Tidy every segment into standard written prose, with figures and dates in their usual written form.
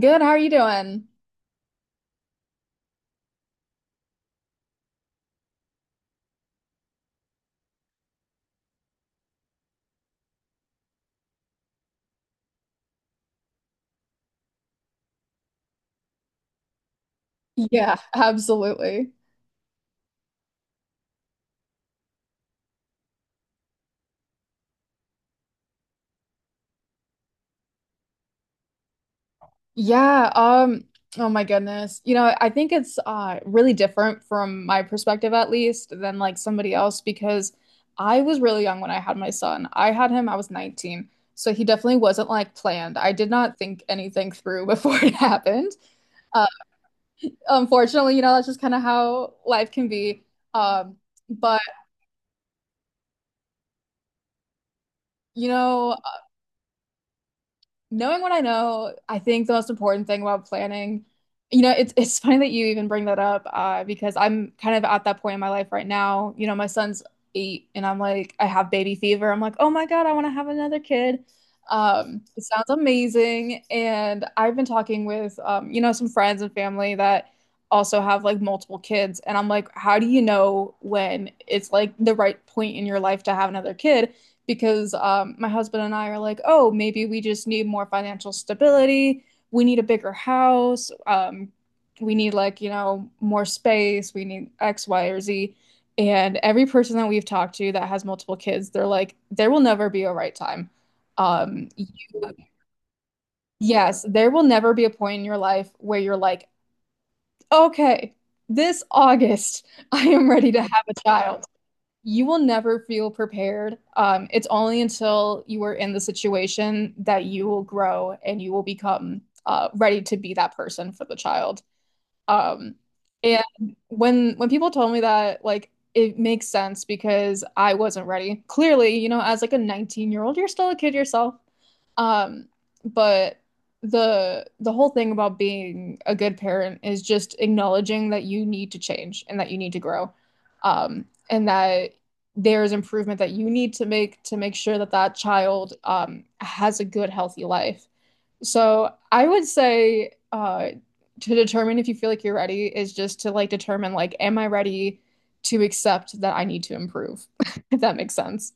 Good, how are you doing? Yeah, absolutely. Yeah, um, oh my goodness. You know, I think it's really different from my perspective at least than like somebody else because I was really young when I had my son. I had him, I was 19. So he definitely wasn't like planned. I did not think anything through before it happened. Uh, Unfortunately, you know, that's just kind of how life can be. Um, but You know, knowing what I know, I think the most important thing about planning, you know, it's funny that you even bring that up, because I'm kind of at that point in my life right now. You know, my son's eight, and I'm like, I have baby fever. I'm like, oh my God, I want to have another kid. It sounds amazing, and I've been talking with, you know, some friends and family that also have like multiple kids, and I'm like, how do you know when it's like the right point in your life to have another kid? Because my husband and I are like, oh, maybe we just need more financial stability. We need a bigger house. We need, like, you know, more space. We need X, Y, or Z. And every person that we've talked to that has multiple kids, they're like, there will never be a right time. Um, you, yes, there will never be a point in your life where you're like, okay, this August, I am ready to have a child. You will never feel prepared. It's only until you are in the situation that you will grow and you will become ready to be that person for the child. Um, and When people told me that, like it makes sense because I wasn't ready. Clearly, you know, as like a 19-year-old, you're still a kid yourself. Um, but The whole thing about being a good parent is just acknowledging that you need to change and that you need to grow. And that there's improvement that you need to make sure that that child has a good, healthy life. So I would say to determine if you feel like you're ready is just to like determine like, am I ready to accept that I need to improve? If that makes sense.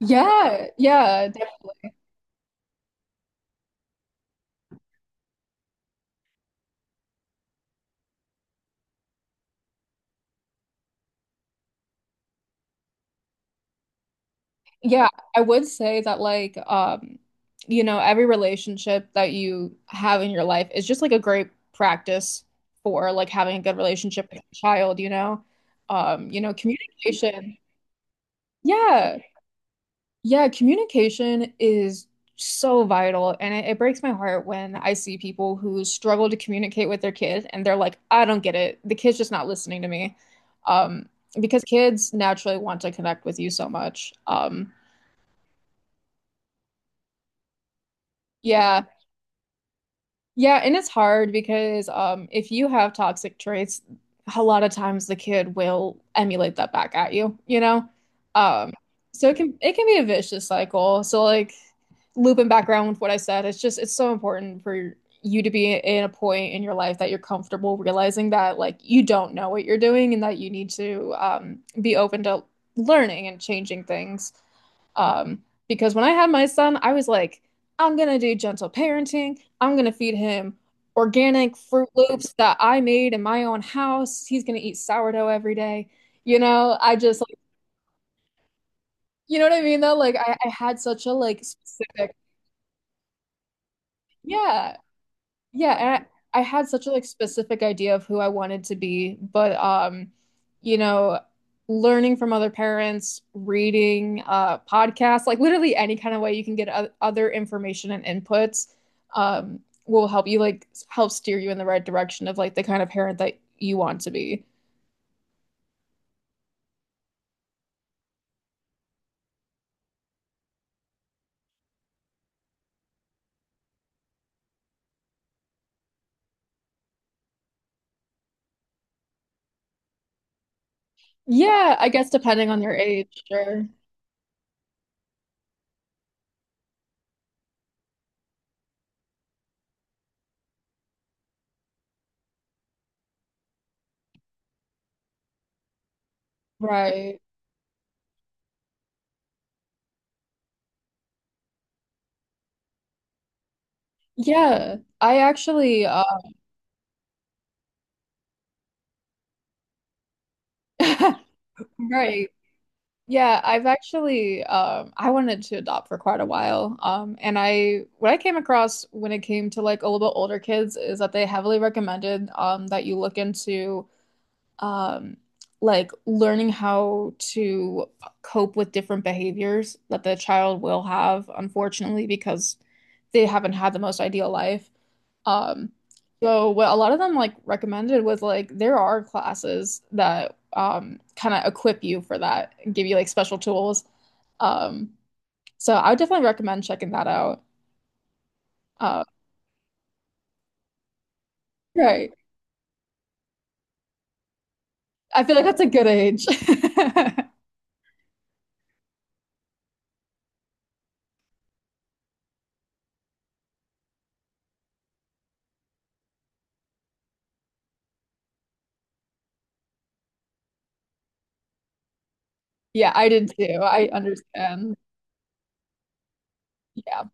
Yeah, yeah, Yeah, I would say that like you know every relationship that you have in your life is just like a great practice for like having a good relationship with a child, you know. You know, communication. Yeah. Yeah, communication is so vital and it breaks my heart when I see people who struggle to communicate with their kid and they're like, I don't get it. The kid's just not listening to me. Um, because kids naturally want to connect with you so much. Yeah. Yeah, and it's hard because if you have toxic traits, a lot of times the kid will emulate that back at you, you know? Um, so it can be a vicious cycle. So like looping back around with what I said, it's just it's so important for you to be in a point in your life that you're comfortable realizing that like you don't know what you're doing and that you need to be open to learning and changing things. Because when I had my son, I was like, I'm gonna do gentle parenting. I'm gonna feed him organic Fruit Loops that I made in my own house. He's gonna eat sourdough every day. You know, I just like, you know what I mean though? Like I had such a like specific, yeah. Yeah, and I had such a like specific idea of who I wanted to be, but you know, learning from other parents, reading podcasts, like literally any kind of way you can get o other information and inputs um will help you like help steer you in the right direction of like the kind of parent that you want to be. Yeah, I guess depending on your age, sure. Right. Yeah. I actually right. Yeah, I've actually I wanted to adopt for quite a while. And I What I came across when it came to like a little bit older kids is that they heavily recommended that you look into um like learning how to cope with different behaviors that the child will have, unfortunately, because they haven't had the most ideal life. Um, so what a lot of them like recommended was like there are classes that kind of equip you for that and give you like special tools. Um, so I would definitely recommend checking that out. Uh, right. I feel like that's a good age. Yeah, I did too. I understand. Yeah.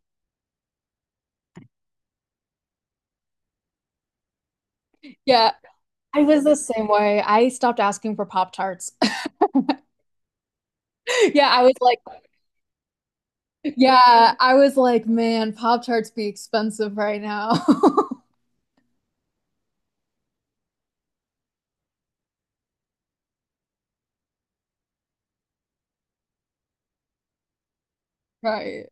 Yeah. I was the same way. I stopped asking for Pop Tarts. Yeah, I was like, yeah, I was like, man, Pop Tarts be expensive right now. Right.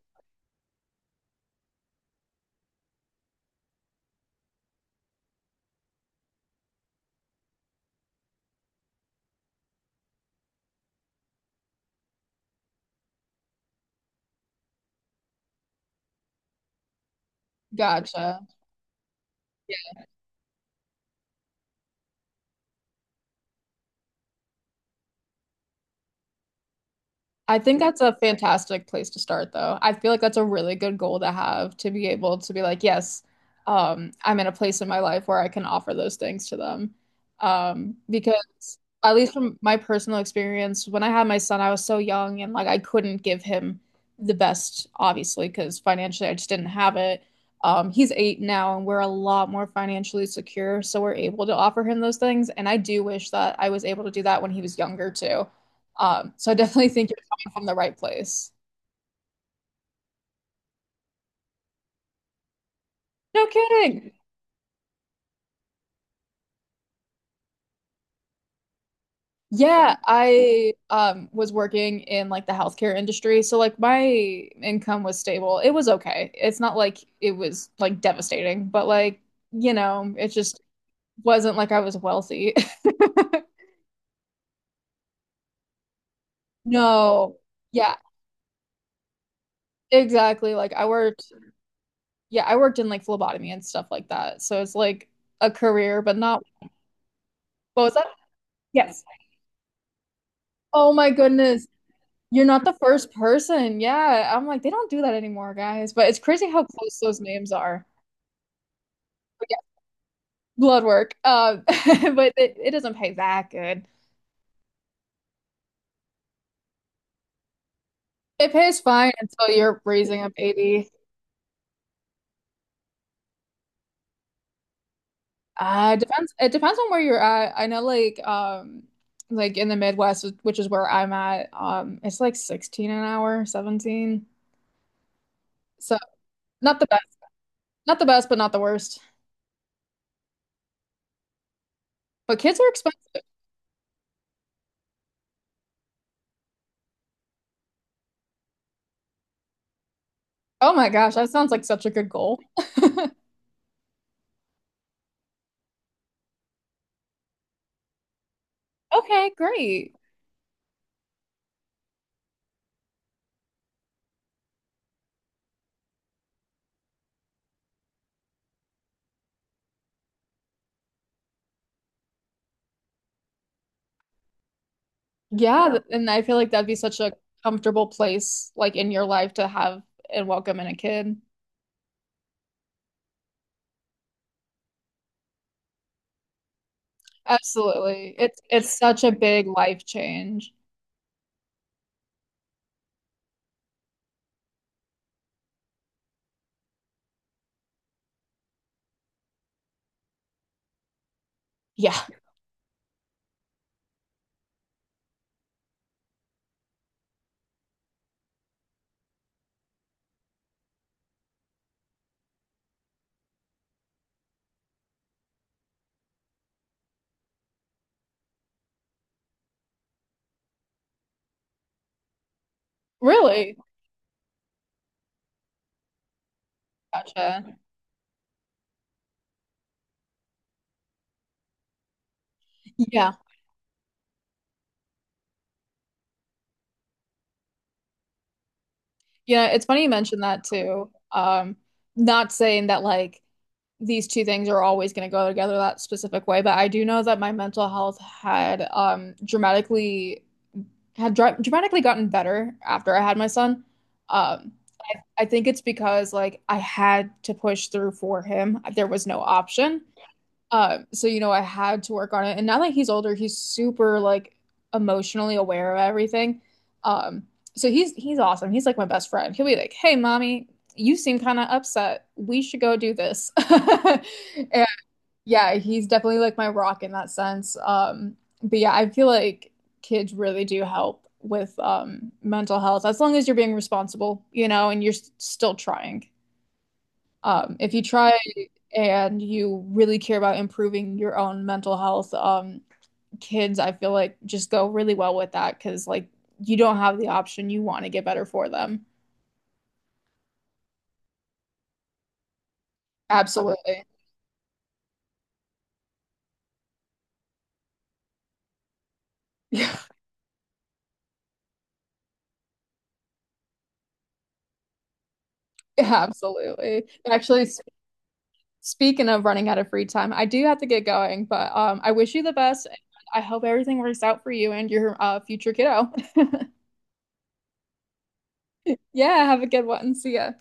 Gotcha. I think that's a fantastic place to start, though. I feel like that's a really good goal to have to be able to be like, yes, I'm in a place in my life where I can offer those things to them. Because at least from my personal experience, when I had my son, I was so young and like I couldn't give him the best, obviously, because financially I just didn't have it. He's eight now and we're a lot more financially secure, so we're able to offer him those things. And I do wish that I was able to do that when he was younger too. So I definitely think from the right place. No kidding. Yeah, I was working in like the healthcare industry, so like my income was stable. It was okay. It's not like it was like devastating, but like, you know, it just wasn't like I was wealthy. No. Yeah, exactly. Yeah, I worked in like phlebotomy and stuff like that. So it's like a career, but not, what was that? Yes. Oh my goodness. You're not the first person. Yeah. I'm like, they don't do that anymore, guys. But it's crazy how close those names are. But yeah, blood work. But it doesn't pay that good. It pays fine until you're raising a baby. It depends. It depends on where you're at. I know, like in the Midwest, which is where I'm at, it's like 16 an hour, 17. So not the best, not the best, but not the worst. But kids are expensive. Oh my gosh, that sounds like such a good goal. Okay, great. Yeah, and I feel like that'd be such a comfortable place like in your life to have and welcome in a kid. Absolutely. It's such a big life change. Yeah, really. Gotcha. Yeah. Yeah, it's funny you mentioned that too. Not saying that like these two things are always going to go together that specific way, but I do know that my mental health had dramatically had dra dramatically gotten better after I had my son. Um, I think it's because like I had to push through for him. There was no option. So you know, I had to work on it. And now that he's older, he's super like emotionally aware of everything. Um, so he's awesome. He's like my best friend. He'll be like, "Hey, mommy, you seem kind of upset. We should go do this." And yeah, he's definitely like my rock in that sense. But yeah, I feel like kids really do help with mental health as long as you're being responsible, you know, and you're still trying. If you try and you really care about improving your own mental health, kids, I feel like just go really well with that because like you don't have the option. You want to get better for them. Absolutely. Absolutely. Actually, Speaking of running out of free time, I do have to get going, but I wish you the best. I hope everything works out for you and your future kiddo. Yeah, have a good one. See ya.